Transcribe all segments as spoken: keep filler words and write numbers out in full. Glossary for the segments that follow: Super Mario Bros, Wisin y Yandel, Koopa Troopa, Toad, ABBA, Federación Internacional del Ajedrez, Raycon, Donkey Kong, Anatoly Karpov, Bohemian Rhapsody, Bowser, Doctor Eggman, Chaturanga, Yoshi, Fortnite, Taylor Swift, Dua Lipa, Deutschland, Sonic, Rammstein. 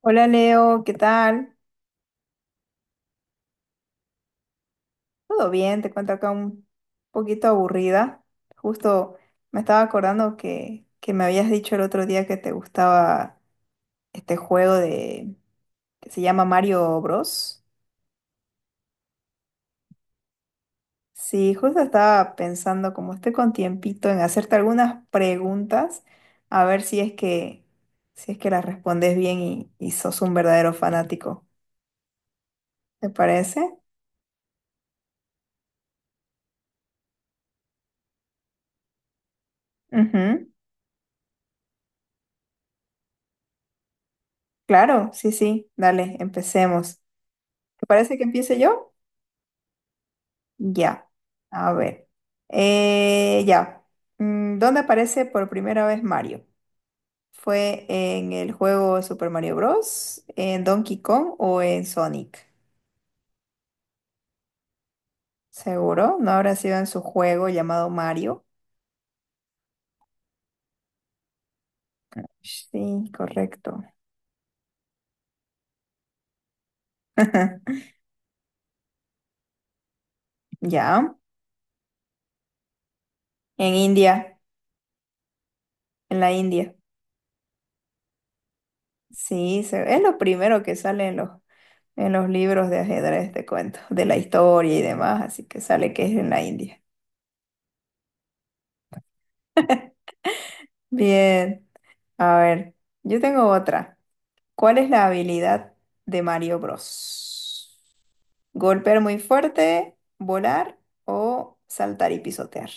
Hola Leo, ¿qué tal? ¿Todo bien? Te cuento acá un poquito aburrida. Justo me estaba acordando que, que me habías dicho el otro día que te gustaba este juego de que se llama Mario Bros. Sí, justo estaba pensando, como estoy con tiempito, en hacerte algunas preguntas, a ver si es que, si es que las respondes bien y, y sos un verdadero fanático. ¿Te parece? Ujú. Claro, sí, sí. Dale, empecemos. ¿Te parece que empiece yo? Ya, a ver. Eh, ya. Mm, ¿dónde aparece por primera vez Mario? ¿Fue en el juego Super Mario Bros., en Donkey Kong o en Sonic? Seguro, no habrá sido en su juego llamado Mario. Sí, correcto. Ya, en India, en la India. Sí, se- es lo primero que sale en los, en los libros de ajedrez, te cuento, de la historia y demás, así que sale que es en la India. Bien. A ver, yo tengo otra. ¿Cuál es la habilidad de Mario Bros? ¿Golpear muy fuerte, volar o saltar y pisotear?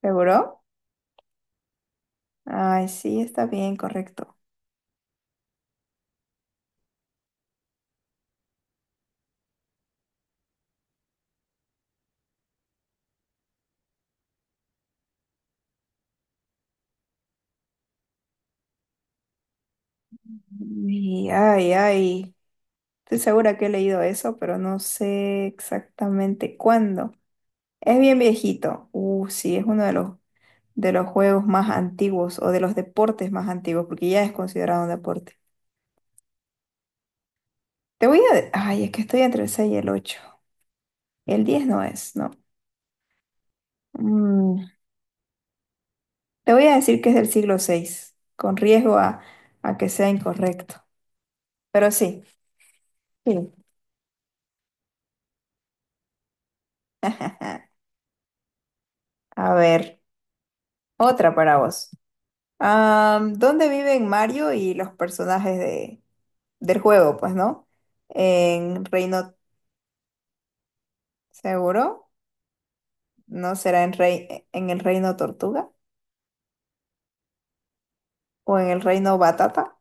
¿Seguro? Ay, sí, está bien, correcto. Uy, ay, ay. Estoy segura que he leído eso, pero no sé exactamente cuándo. Es bien viejito. Uh, sí, es uno de los, de los juegos más antiguos o de los deportes más antiguos, porque ya es considerado un deporte. Te voy a... de- Ay, es que estoy entre el seis y el ocho. El diez no es, no. Mm, te voy a decir que es del siglo seis, con riesgo a, a que sea incorrecto. Pero sí, sí. A ver, otra para vos. Am, ¿dónde viven Mario y los personajes de, del juego? Pues, ¿no? ¿En Reino Seguro? ¿No será en, rei- en el Reino Tortuga? ¿O en el Reino Batata?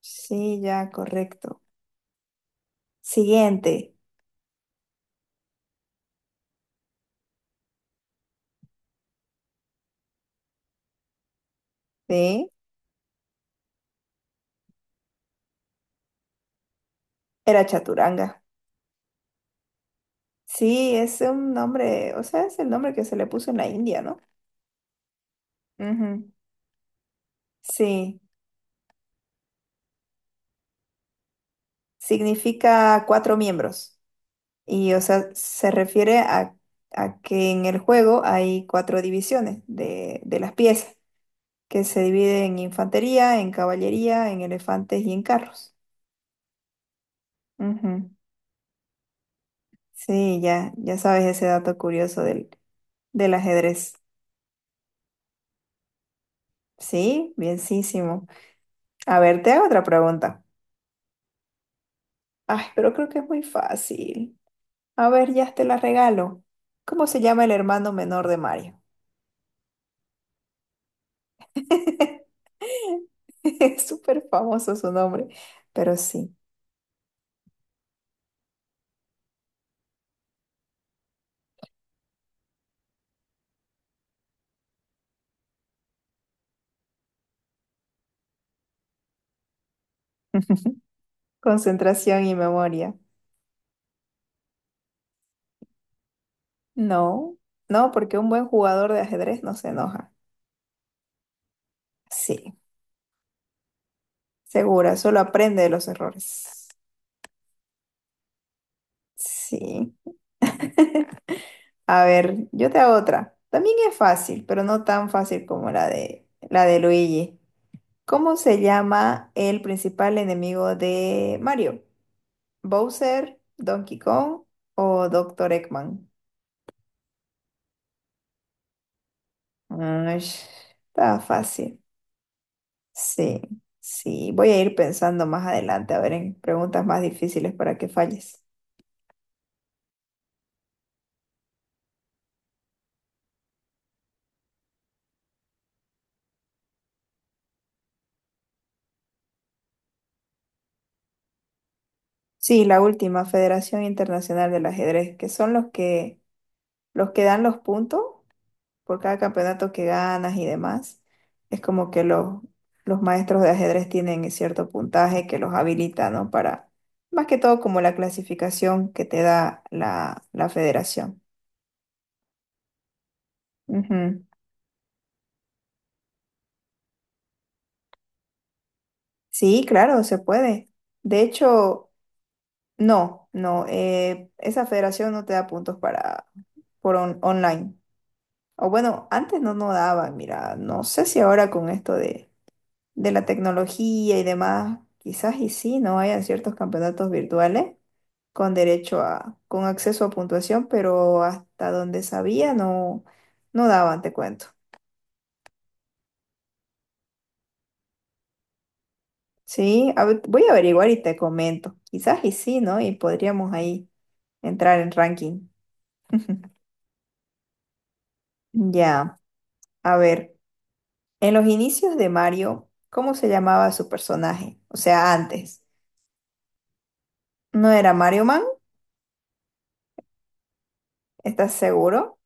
Sí, ya, correcto. Siguiente. Sí, era Chaturanga. Sí, es un nombre, o sea, es el nombre que se le puso en la India, ¿no? Ujú. Sí, significa cuatro miembros. Y, o sea, se refiere a, a que en el juego hay cuatro divisiones de, de las piezas, que se dividen en infantería, en caballería, en elefantes y en carros. Ujú. Sí, ya, ya sabes ese dato curioso del, del ajedrez. Sí, bienísimo. A ver, te hago otra pregunta. Ay, pero creo que es muy fácil. A ver, ya te la regalo. ¿Cómo se llama el hermano menor de Mario? Es súper famoso su nombre, pero sí. Concentración y memoria. No, no, porque un buen jugador de ajedrez no se enoja. Sí, segura, solo aprende de los errores. Sí. A ver, yo te hago otra. También es fácil, pero no tan fácil como la de la de Luigi. ¿Cómo se llama el principal enemigo de Mario? Bowser, Donkey Kong o Doctor Eggman. Ay, está fácil. Sí, sí. Voy a ir pensando más adelante, a ver, en preguntas más difíciles para que falles. Sí, la última, Federación Internacional del Ajedrez, que son los que, los que dan los puntos por cada campeonato que ganas y demás. Es como que los, los maestros de ajedrez tienen cierto puntaje que los habilita, ¿no? Para, más que todo, como la clasificación que te da la, la federación. Ujú. Sí, claro, se puede. De hecho, no, no, eh, esa federación no te da puntos para por on- online. O bueno, antes no nos daba, mira, no sé si ahora con esto de, de la tecnología y demás, quizás y sí, no hayan ciertos campeonatos virtuales con derecho a, con acceso a puntuación, pero hasta donde sabía no, no daban, te cuento. Sí, a ver, voy a averiguar y te comento. Quizás y sí, ¿no? Y podríamos ahí entrar en ranking. Ya, a ver, en los inicios de Mario, ¿cómo se llamaba su personaje? O sea, antes. ¿No era Mario Man? ¿Estás seguro?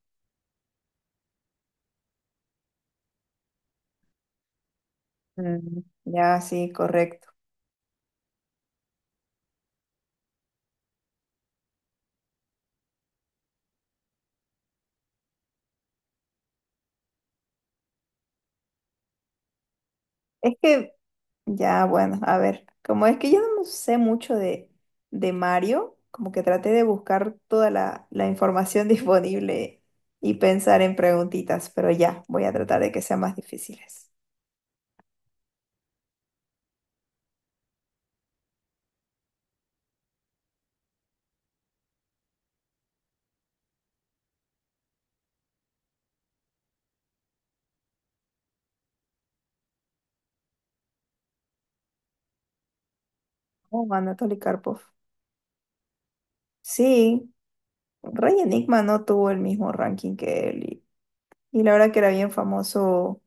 Mm, Ya, sí, correcto. Es que, ya, bueno, a ver, como es que yo no sé mucho de, de Mario, como que traté de buscar toda la, la información disponible y pensar en preguntitas, pero ya, voy a tratar de que sean más difíciles. Oh, Anatoly Karpov. Sí, Rey Enigma no tuvo el mismo ranking que él y, y la verdad que era bien famoso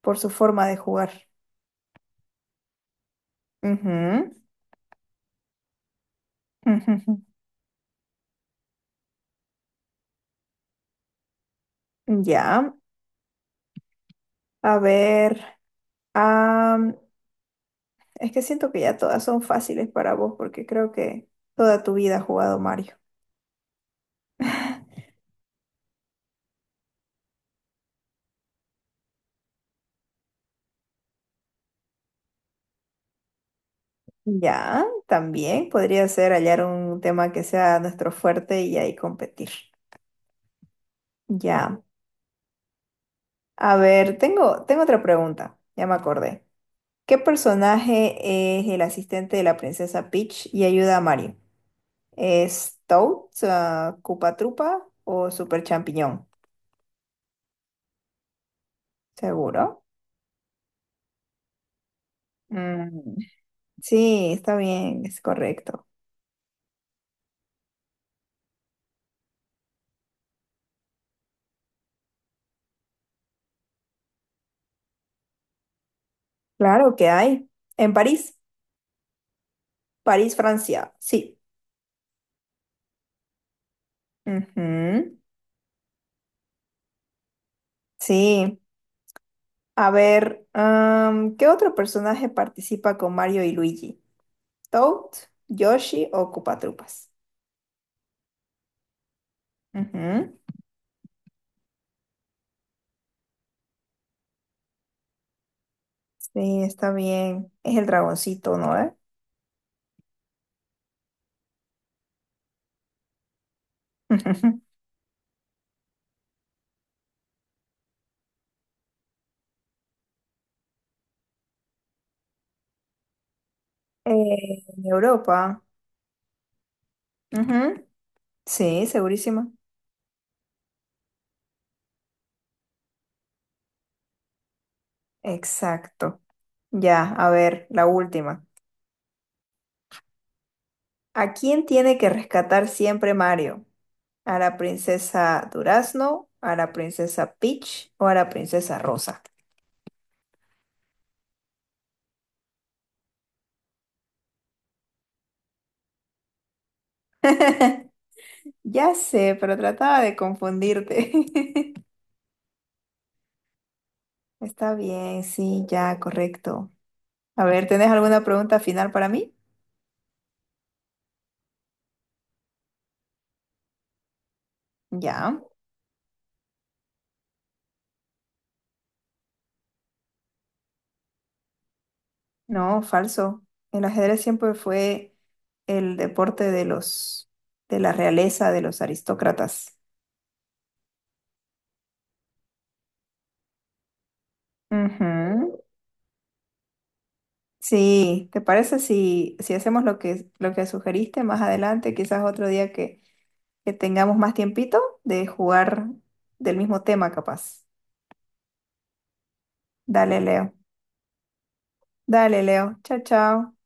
por su forma de jugar. Ujú, ujú, ujú. Ya, a ver, am, es que siento que ya todas son fáciles para vos porque creo que toda tu vida has jugado Mario. Ya, también podría ser hallar un tema que sea nuestro fuerte y ahí competir. Ya, a ver, tengo, tengo otra pregunta, ya me acordé. ¿Qué personaje es el asistente de la princesa Peach y ayuda a Mario? ¿Es Toad, ah, Koopa Troopa o Super Champiñón? ¿Seguro? Mm, Sí, está bien, es correcto. Claro que hay. En París, París, Francia, sí. Ujú. Sí. A ver, am, ¿qué otro personaje participa con Mario y Luigi? ¿Toad, Yoshi o Koopa Troopas? Ujú. Sí, está bien. Es el dragoncito, ¿no? Ujú. Eh, en Europa. Ujú. Sí, segurísimo. Exacto. Ya, a ver, la última. ¿A quién tiene que rescatar siempre Mario? ¿A la princesa Durazno? ¿A la princesa Peach? ¿O a la princesa Rosa? Ya sé, pero trataba de confundirte. Está bien, sí, ya, correcto. A ver, ¿tenés alguna pregunta final para mí? Ya. No, falso. El ajedrez siempre fue el deporte de los, de la realeza, de los aristócratas. Ujú. Sí, ¿te parece si, si hacemos lo que, lo que sugeriste más adelante, quizás otro día que, que tengamos más tiempito de jugar del mismo tema, capaz? Dale, Leo. Dale, Leo. Chao, chao.